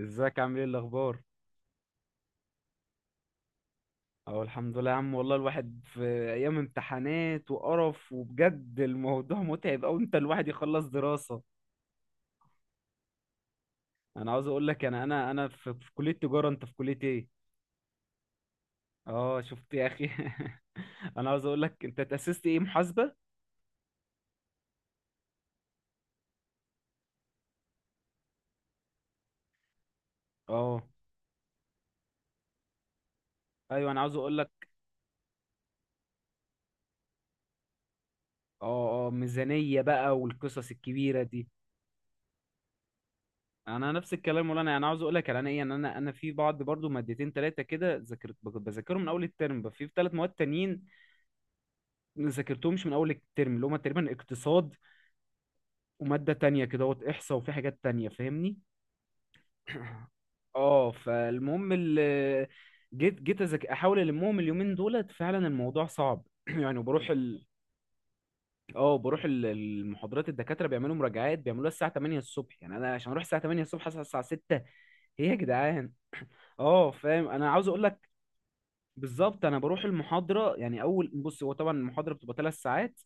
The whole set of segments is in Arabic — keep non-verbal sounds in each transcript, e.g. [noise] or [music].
ازيك عامل ايه الاخبار؟ اهو الحمد لله يا عم، والله الواحد في ايام امتحانات وقرف، وبجد الموضوع [laughs] متعب اوي. انت الواحد يخلص دراسة. انا عاوز اقول لك، انا في كلية تجارة. انت في كلية ايه؟ اه شفت يا اخي. [laughs] انا عاوز اقول لك، انت تأسست ايه، محاسبة؟ اه ايوه، انا عاوز اقول لك. اه اه، ميزانية بقى والقصص الكبيرة دي. انا نفس الكلام. ولا انا عاوز اقول لك على، انا ايه، ان انا في بعض برضو مادتين ثلاثه كده، ذاكرت بذاكرهم من اول الترم. بقى في ثلاث مواد تانيين ذاكرتهمش من اول الترم، اللي هما تقريبا اقتصاد وماده تانية كده، وات احصاء، وفي حاجات تانية فاهمني. [clears throat] اه فالمهم ال-، [clears throat] جيت أذاك- احاول، المهم اليومين دولت فعلا الموضوع صعب. [clears throat] يعني بروح ال... [clears throat] اه بروح ال- المحاضرات، الدكاتره بيعملوا مراجعات، بيعملوها الساعه 8 الصبح. يعني انا عشان اروح الساعه 8 الصبح اصحى الساعه 6. ايه يا جدعان. اه فاهم، انا عاوز اقول لك. بالظبط، انا بروح المحاضره. يعني اول بص، هو طبعا المحاضره بتبقى ثلاث ساعات،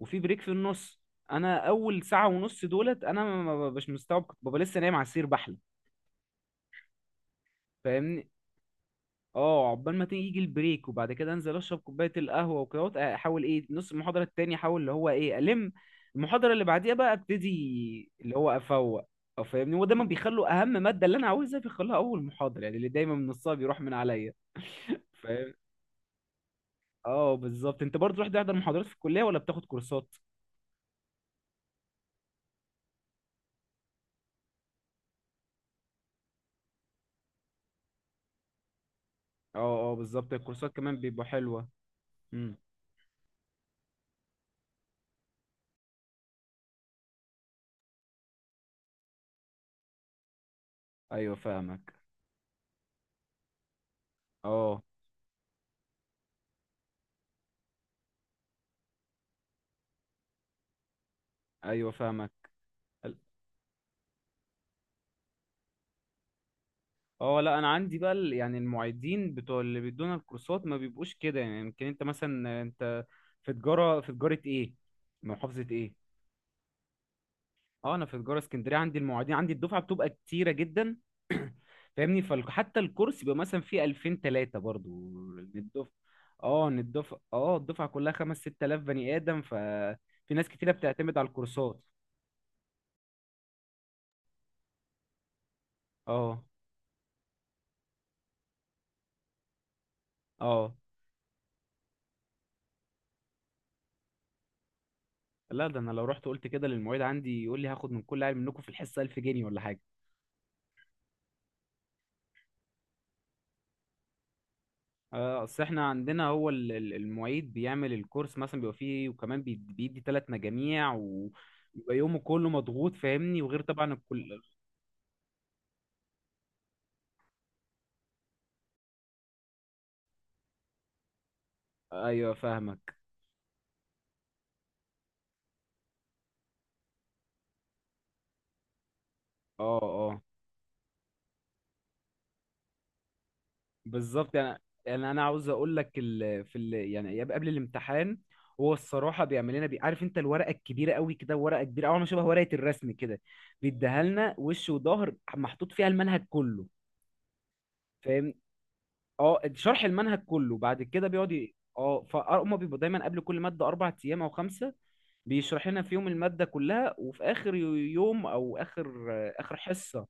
وفي بريك في النص. انا اول ساعه ونص دولت انا ما ببقاش مستوعب، كنت ببقى لسه نايم على السرير بحلم فاهمني. اه عقبال ما تيجي يجي البريك، وبعد كده انزل اشرب كوبايه القهوه وكده، وأت- احاول ايه نص المحاضره التاني، احاول اللي هو ايه الم المحاضره اللي بعديها بقى، ابتدي اللي هو افوق. او فاهمني، هو دايما بيخلوا اهم ماده اللي انا عاوزها بيخلوها اول محاضره، يعني اللي دايما نصها بيروح من عليا. اه بالظبط. انت برضه رحت تحضر محاضرات في الكليه ولا بتاخد كورسات؟ اه اه بالظبط، الكورسات كمان بيبقوا حلوه. امم. ايوه فاهمك. اه ايوه فاهمك. ال-. اه لا، انا عندي بقى ال-، يعني المعيدين بتوع اللي بيدونا الكورسات ما بيبقوش كده. يعني يمكن انت مثلا، انت في تجاره، في تجاره ايه، محافظه ايه؟ اه انا في تجاره اسكندريه. عندي المعيدين عندي، الدفعه بتبقى كتيره جدا فاهمني. فحتى الكورس بيبقى مثلا فيه 2000 3 برضو، إن الدفعه، اه إن الدفعه، اه الدفعه كلها 5 6000 بني ادم. ففي ناس كتيره بتعتمد على الكورسات. اه اه لا، ده انا لو رحت قلت كده للمعيد عندي يقول لي هاخد من كل عيل منكم في الحصه 1000 جنيه ولا حاجه. اه، اصل احنا عندنا هو ال- ال- المعيد بيعمل الكورس مثلا، بيبقى فيه، وكمان بي- بيدي ثلاث مجاميع، ويبقى يومه كله مضغوط فاهمني، وغير طبعا الكل. ايوه فاهمك. اه اه بالظبط. يعني يعني انا عاوز اقول لك ال... في ال... يعني ايام قبل الامتحان، هو الصراحه بيعمل لنا بي... عارف انت الورقه الكبيره قوي كده، ورقه كبيره اول ما شبه ورقه الرسم كده، بيديها لنا وش وظهر، محطوط فيها المنهج كله. فاهم. اه، شرح المنهج كله. بعد كده بيقعد ي-، اه فهم بيبقوا دايما قبل كل ماده اربع ايام او خمسه، بيشرح لنا في يوم الماده كلها، وفي اخر يوم او اخر اخر حصه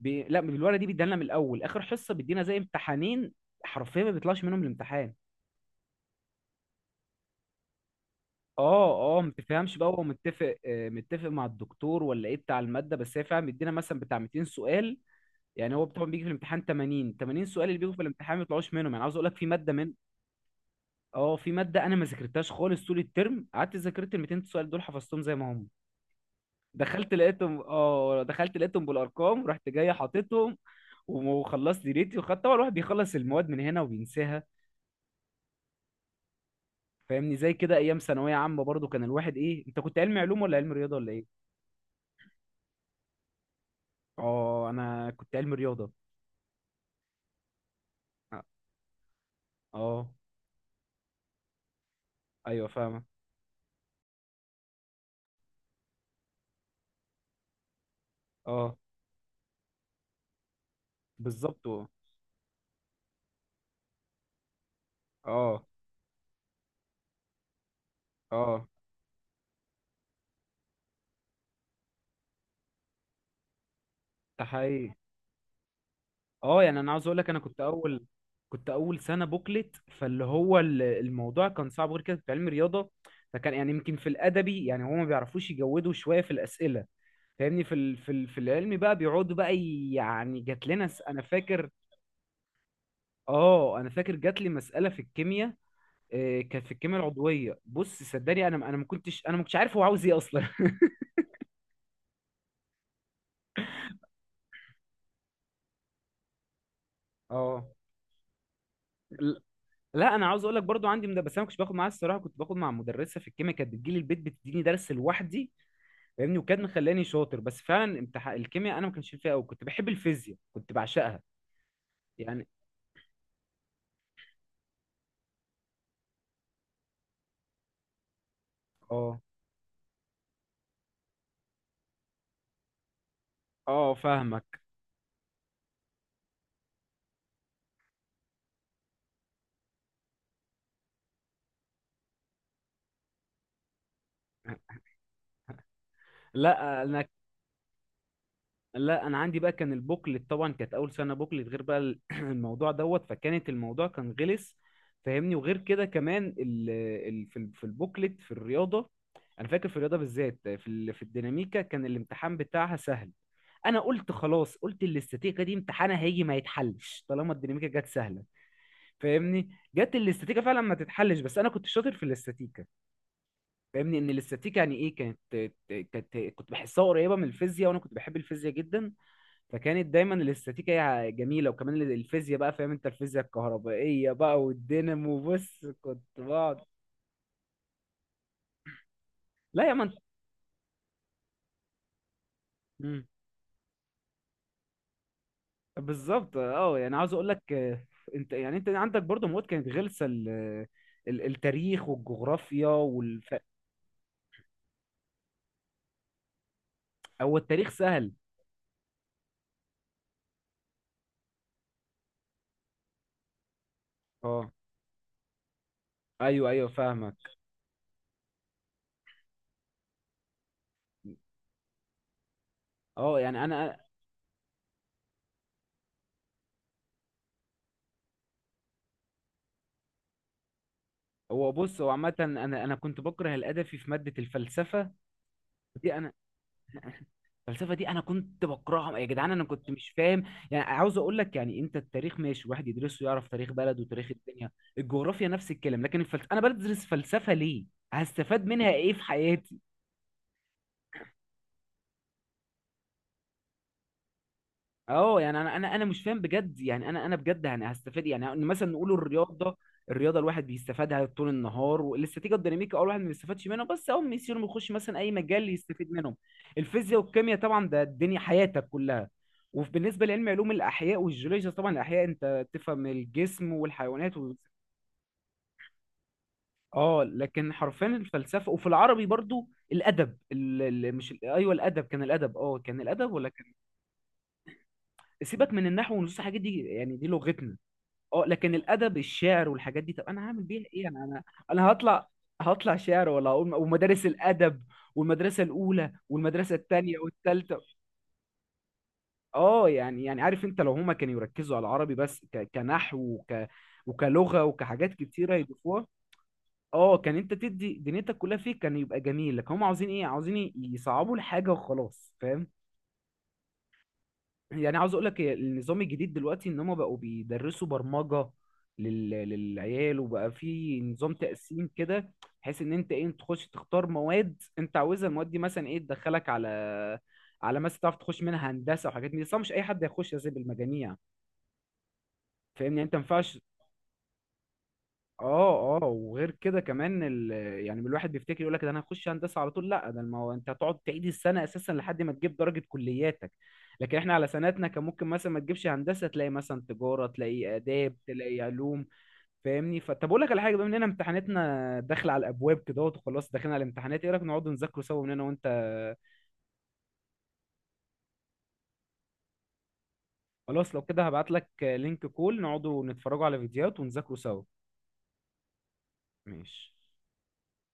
بي... لا، الورقه دي بيديها لنا من الاول. اخر حصه بيدينا زي امتحانين. حرفيا ما بيطلعش منهم الامتحان. اه اه، ما تفهمش بقى، هو متفق مع الدكتور ولا ايه بتاع الماده. بس هي فعلا مدينا مثلا بتاع 200 سؤال. يعني هو طبعا بيجي في الامتحان 80 80 سؤال، اللي بيجوا في الامتحان ما بيطلعوش منهم. يعني عاوز اقول لك في ماده من، اه في ماده انا ما ذاكرتهاش خالص طول الترم. قعدت ذاكرت ال 200 سؤال دول، حفظتهم زي ما هم. دخلت لقيتهم بالارقام، ورحت جاي حاططهم، وم- وخلصت دنيتي. وخدت طبعا، الواحد بيخلص المواد من هنا وبينساها فاهمني. زي كده ايام ثانويه عامه برضو، كان الواحد ايه، انت كنت علمي علوم ولا علمي رياضه ولا ايه؟ اه انا كنت علم رياضه. اه ايوه فاهمه. اه بالظبط. اه اه ده حقيقي. اه يعني انا عاوز اقول لك، انا كنت اول سنه بوكلت، فاللي هو ال- الموضوع كان صعب. غير كده كنت علم رياضه، فكان يعني يمكن في الادبي يعني هما ما بيعرفوش يجودوا شويه في الاسئله فاهمني. في ال... في ال... في العلمي بقى بيقعدوا بقى ي-، يعني جات لنا س... انا فاكر. اه انا فاكر جات لي مساله في الكيمياء. كان في الكيمياء العضويه، بص صدقني، انا ما كنتش، عارف هو عاوز ايه اصلا. [laughs] اه ل- لا انا عاوز اقول لك، برضو عندي مد-، بس انا ما كنتش باخد معاها الصراحه، كنت باخد مع مدرسه في الكيمياء، كانت بتجيلي البيت بتديني درس لوحدي فاهمني. وكانت مخلاني شاطر. بس فعلا امتحان الكيمياء انا ما كانش فيها قوي، كنت بحب الفيزياء كنت بعشقها. يعني. اه اه فاهمك. لا انا لا انا عندي بقى، كان البوكلت طبعا كانت اول سنه بوكلت، غير بقى ال-، [clears throat] الموضوع دوت، فكانت الموضوع كان غلس فاهمني. وغير كده كمان ال في ال- في البوكلت في الرياضه، انا فاكر في الرياضه بالذات في ال- في الديناميكا، كان الامتحان بتاعها سهل. انا قلت خلاص، قلت الاستاتيكا دي امتحانها هيجي ما يتحلش طالما الديناميكا جت سهله فاهمني. جت الاستاتيكا فعلا ما تتحلش، بس انا كنت شاطر في الاستاتيكا فاهمني. ان الاستاتيكا يعني ايه كانت كنت بحسها قريبه من الفيزياء، وانا كنت بحب الفيزياء جدا. فكانت دايما الاستاتيكا هي جميله، وكمان الفيزياء بقى. فاهم انت الفيزياء الكهربائيه بقى والدينامو، بص كنت بقعد. لا يا من. مم. بالظبط. اه يعني عاوز اقول لك انت، يعني انت عندك برضه مواد كانت غلسه ال... ال- التاريخ والجغرافيا والف... هو التاريخ سهل. اه ايوه ايوه فاهمك. اه يعني انا. هو بص، هو عامه انا كنت بكره الادبي في ماده الفلسفه دي. انا، الفلسفه دي انا كنت بكرهها يا جدعان، انا كنت مش فاهم. يعني عاوز اقول لك، يعني انت التاريخ ماشي، واحد يدرسه يعرف تاريخ بلده وتاريخ الدنيا. الجغرافيا نفس الكلام. لكن الفلسفه انا بدرس فلسفه ليه؟ هستفاد منها ايه في حياتي؟ اه يعني انا مش فاهم بجد. يعني انا بجد، يعني هستفاد إيه؟ يعني إن مثلا نقول الرياضه. الرياضه الواحد بيستفادها طول النهار. والاستاتيكا الديناميكا اه، الواحد ما بيستفادش منها، بس اول ما يصير يخش مثلا اي مجال يستفيد منهم. الفيزياء والكيمياء طبعا ده الدنيا حياتك كلها. وبالنسبه لعلم علوم الاحياء والجيولوجيا طبعا، الاحياء انت تفهم الجسم والحيوانات و... اه لكن حرفيا الفلسفه، وفي العربي برضو الادب ال... ال- مش ال- ايوه الادب، كان الادب ولا كان. سيبك من النحو والنصوص، الحاجات دي يعني دي لغتنا. اه لكن الادب الشعر والحاجات دي، طب انا هعمل بيها ايه؟ انا انا هطلع، هطلع شعر، ولا هقول ومدارس الادب والمدرسه الاولى والمدرسه الثانيه والثالثه. اه يعني يعني عارف انت، لو هما كانوا يركزوا على العربي بس ك... كنحو وك... وكلغه وكحاجات كتيره يضيفوها، اه كان انت تدي دنيتك كلها فيه كان يبقى جميل. لكن هما عاوزين ايه، عاوزين ي- يصعبوا الحاجه وخلاص فاهم. يعني عاوز اقول لك إيه، النظام الجديد دلوقتي ان هم بقوا بيدرسوا برمجة لل... للعيال. وبقى في نظام تقسيم كده، بحيث ان انت ايه تخش تختار مواد انت عاوزها، المواد دي مثلا ايه تدخلك على، على مثلا تعرف تخش منها هندسة وحاجات من دي صح، مش اي حد يخش زي بالمجاميع فاهمني. يعني انت ما ينفعش. اه اه، وغير كده كمان ال... يعني الواحد بيفتكر يقول لك ده انا هخش هندسه على طول. لا، ده ما هو انت هتقعد تعيد السنه اساسا لحد ما تجيب درجه كلياتك. لكن احنا على سنتنا كان ممكن مثلا ما تجيبش هندسه تلاقي مثلا تجاره، تلاقي اداب، تلاقي علوم فاهمني. فطب اقول لك على حاجه، بما اننا امتحاناتنا داخله على الابواب كده اهوت وخلاص داخلين على الامتحانات، ايه رايك نقعد نذاكروا سوا من هنا وانت. خلاص لو كده هبعت لك لينك كول، نقعدوا نتفرجوا على فيديوهات ونذاكروا سوا. ماشي.